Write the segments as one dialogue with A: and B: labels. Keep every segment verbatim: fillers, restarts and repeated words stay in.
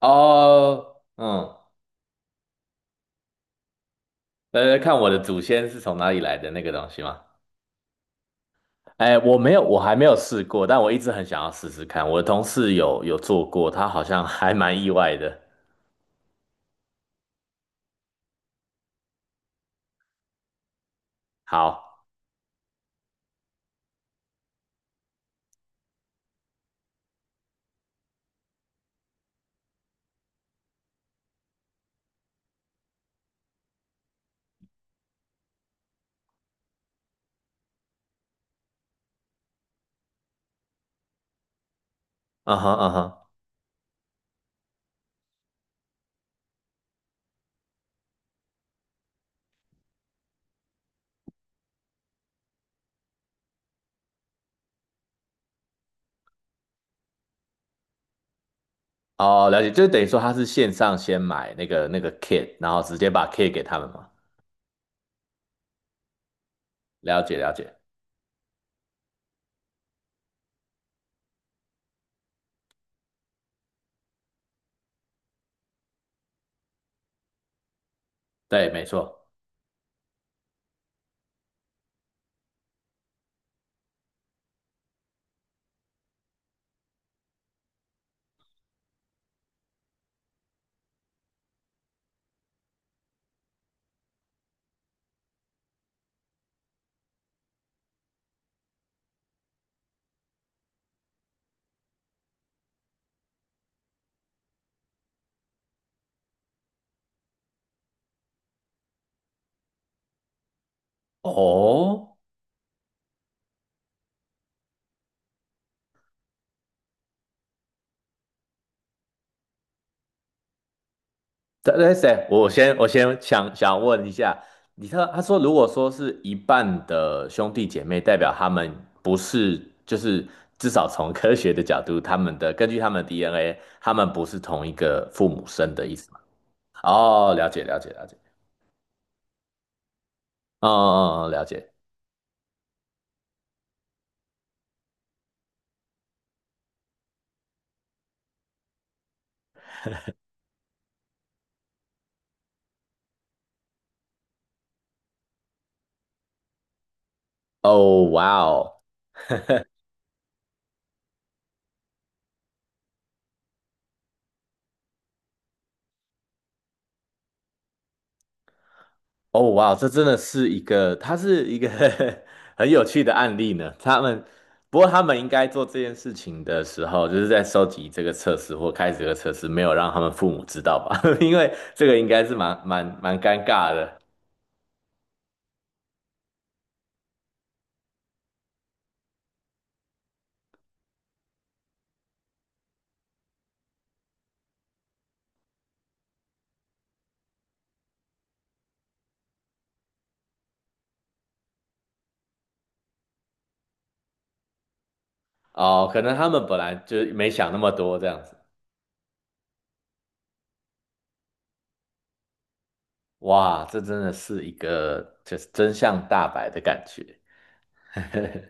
A: 哦，嗯，来来看我的祖先是从哪里来的那个东西吗？哎，我没有，我还没有试过，但我一直很想要试试看。我的同事有有做过，他好像还蛮意外的。好，嗯哼嗯哼，哦，了解，就等于说他是线上先买那个那个 kit，然后直接把 kit 给他们嘛。了解了解，对，没错。哦，但但是，我先我先想想问一下，你看他说，如果说是一半的兄弟姐妹，代表他们不是，就是至少从科学的角度，他们的根据他们的 D N A，他们不是同一个父母生的意思吗？哦，了解了解了解，嗯嗯嗯，了解。哦，哇哦，哦，哇哦，这真的是一个，它是一个 很有趣的案例呢。他们，不过他们应该做这件事情的时候，就是在收集这个测试或开始这个测试，没有让他们父母知道吧？因为这个应该是蛮蛮蛮尴尬的哦。可能他们本来就没想那么多这样子。哇，这真的是一个就是真相大白的感觉。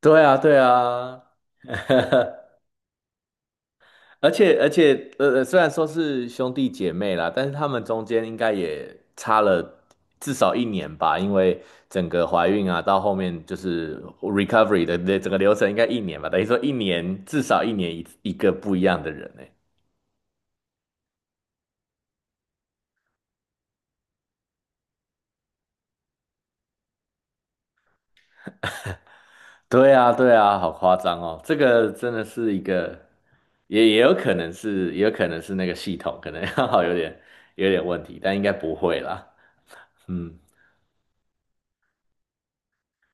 A: 对啊，对啊，而且而且，呃，呃虽然说是兄弟姐妹啦，但是他们中间应该也差了至少一年吧，因为整个怀孕啊，到后面就是 recovery 的的整个流程应该一年吧，等于说一年至少一年一一个不一样的人呢。对啊，对啊，好夸张哦！这个真的是一个，也也有可能是，也有可能是那个系统可能 好有点有点问题，但应该不会啦。嗯。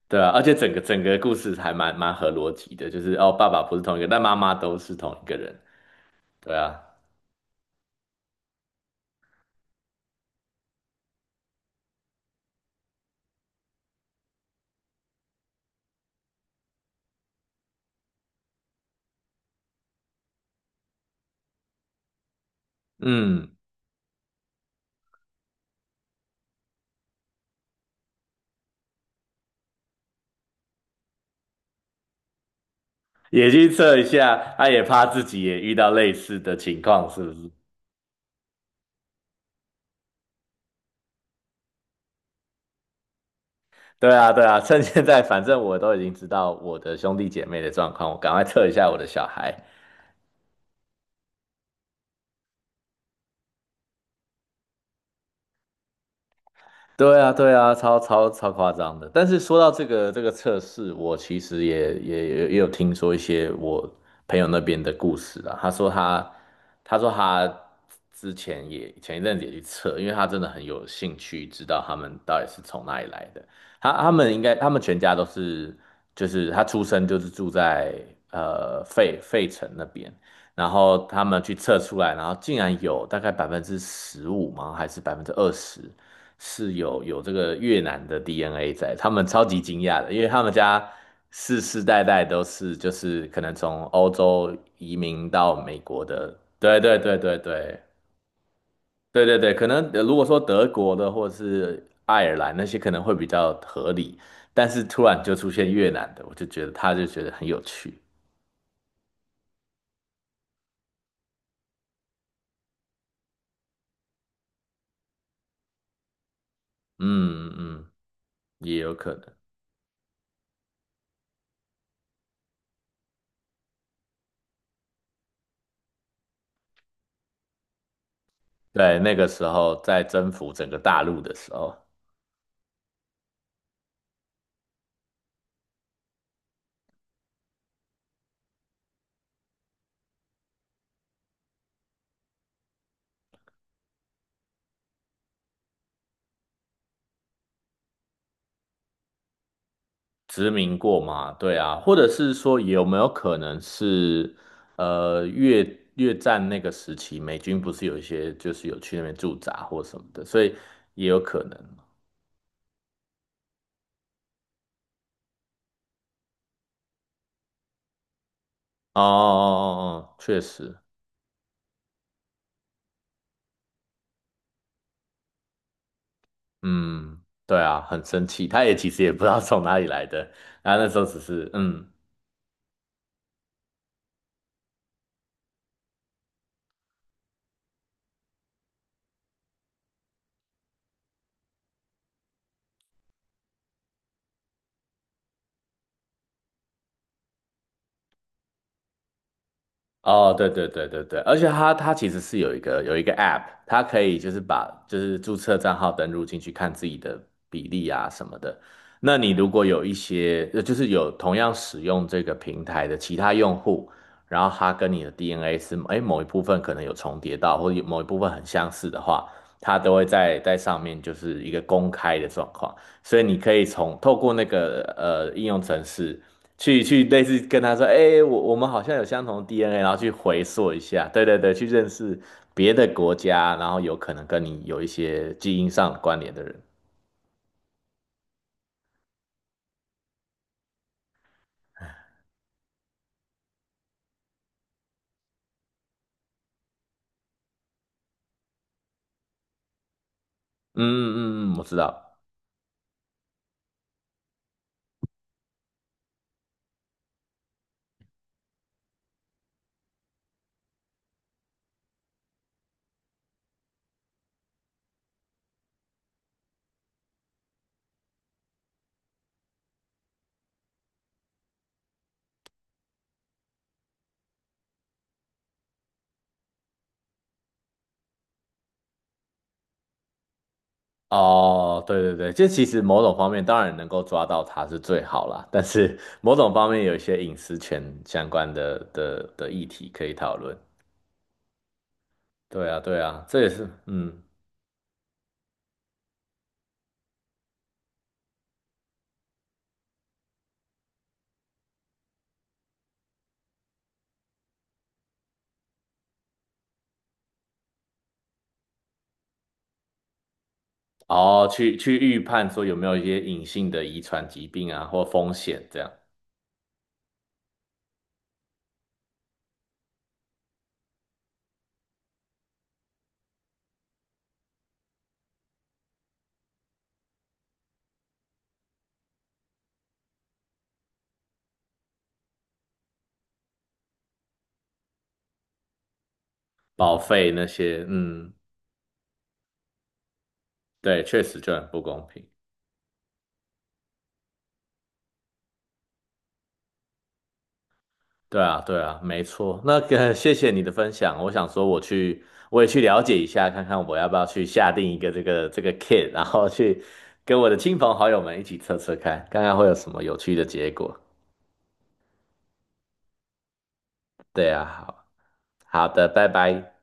A: 对啊，而且整个整个故事还蛮蛮合逻辑的，就是哦，爸爸不是同一个，但妈妈都是同一个人。对啊，嗯，也去测一下，他也怕自己也遇到类似的情况，是不是？对啊，对啊，趁现在，反正我都已经知道我的兄弟姐妹的状况，我赶快测一下我的小孩。对啊，对啊，超超超夸张的。但是说到这个这个测试，我其实也也也也有听说一些我朋友那边的故事啦。他说他他说他之前也前一阵子也去测，因为他真的很有兴趣知道他们到底是从哪里来的。他他们应该他们全家都是就是他出生就是住在呃费费城那边，然后他们去测出来，然后竟然有大概百分之十五吗？还是百分之二十？是有有这个越南的 D N A 在，他们超级惊讶的，因为他们家世世代代都是就是可能从欧洲移民到美国的，对对对对对对对对，可能呃如果说德国的或是爱尔兰那些可能会比较合理，但是突然就出现越南的，我就觉得他就觉得很有趣，嗯嗯，嗯也有可能，对，那个时候在征服整个大陆的时候。殖民过嘛？对啊，或者是说有没有可能是，呃，越越战那个时期，美军不是有一些就是有去那边驻扎或什么的，所以也有可能。哦哦哦哦，确实，嗯，对啊，很生气，他也其实也不知道从哪里来的，然后那时候只是嗯。哦，对对对对对，而且它它其实是有一个有一个 app，它可以就是把就是注册账号登录进去看自己的比例啊什么的。那你如果有一些呃就是有同样使用这个平台的其他用户，然后他跟你的 D N A 是哎某一部分可能有重叠到，或者有某一部分很相似的话，它都会在在上面就是一个公开的状况。所以你可以从透过那个呃应用程式。去去类似跟他说，哎、我我们好像有相同的 D N A，然后去回溯一下，对对对，去认识别的国家，然后有可能跟你有一些基因上的关联的人。嗯嗯嗯，嗯我知道。哦，对对对，这其实某种方面当然能够抓到他是最好啦，但是 某种方面有一些隐私权相关的的的议题可以讨论。对啊，对啊，这也是嗯，哦，去去预判说有没有一些隐性的遗传疾病啊或风险这样。保费那些，嗯，对，确实就很不公平。对啊，对啊，没错。那个，谢谢你的分享。我想说，我去，我也去了解一下，看看我要不要去下定一个这个这个 kit，然后去跟我的亲朋好友们一起测测看，看看会有什么有趣的结果。对啊，好，好的，拜拜。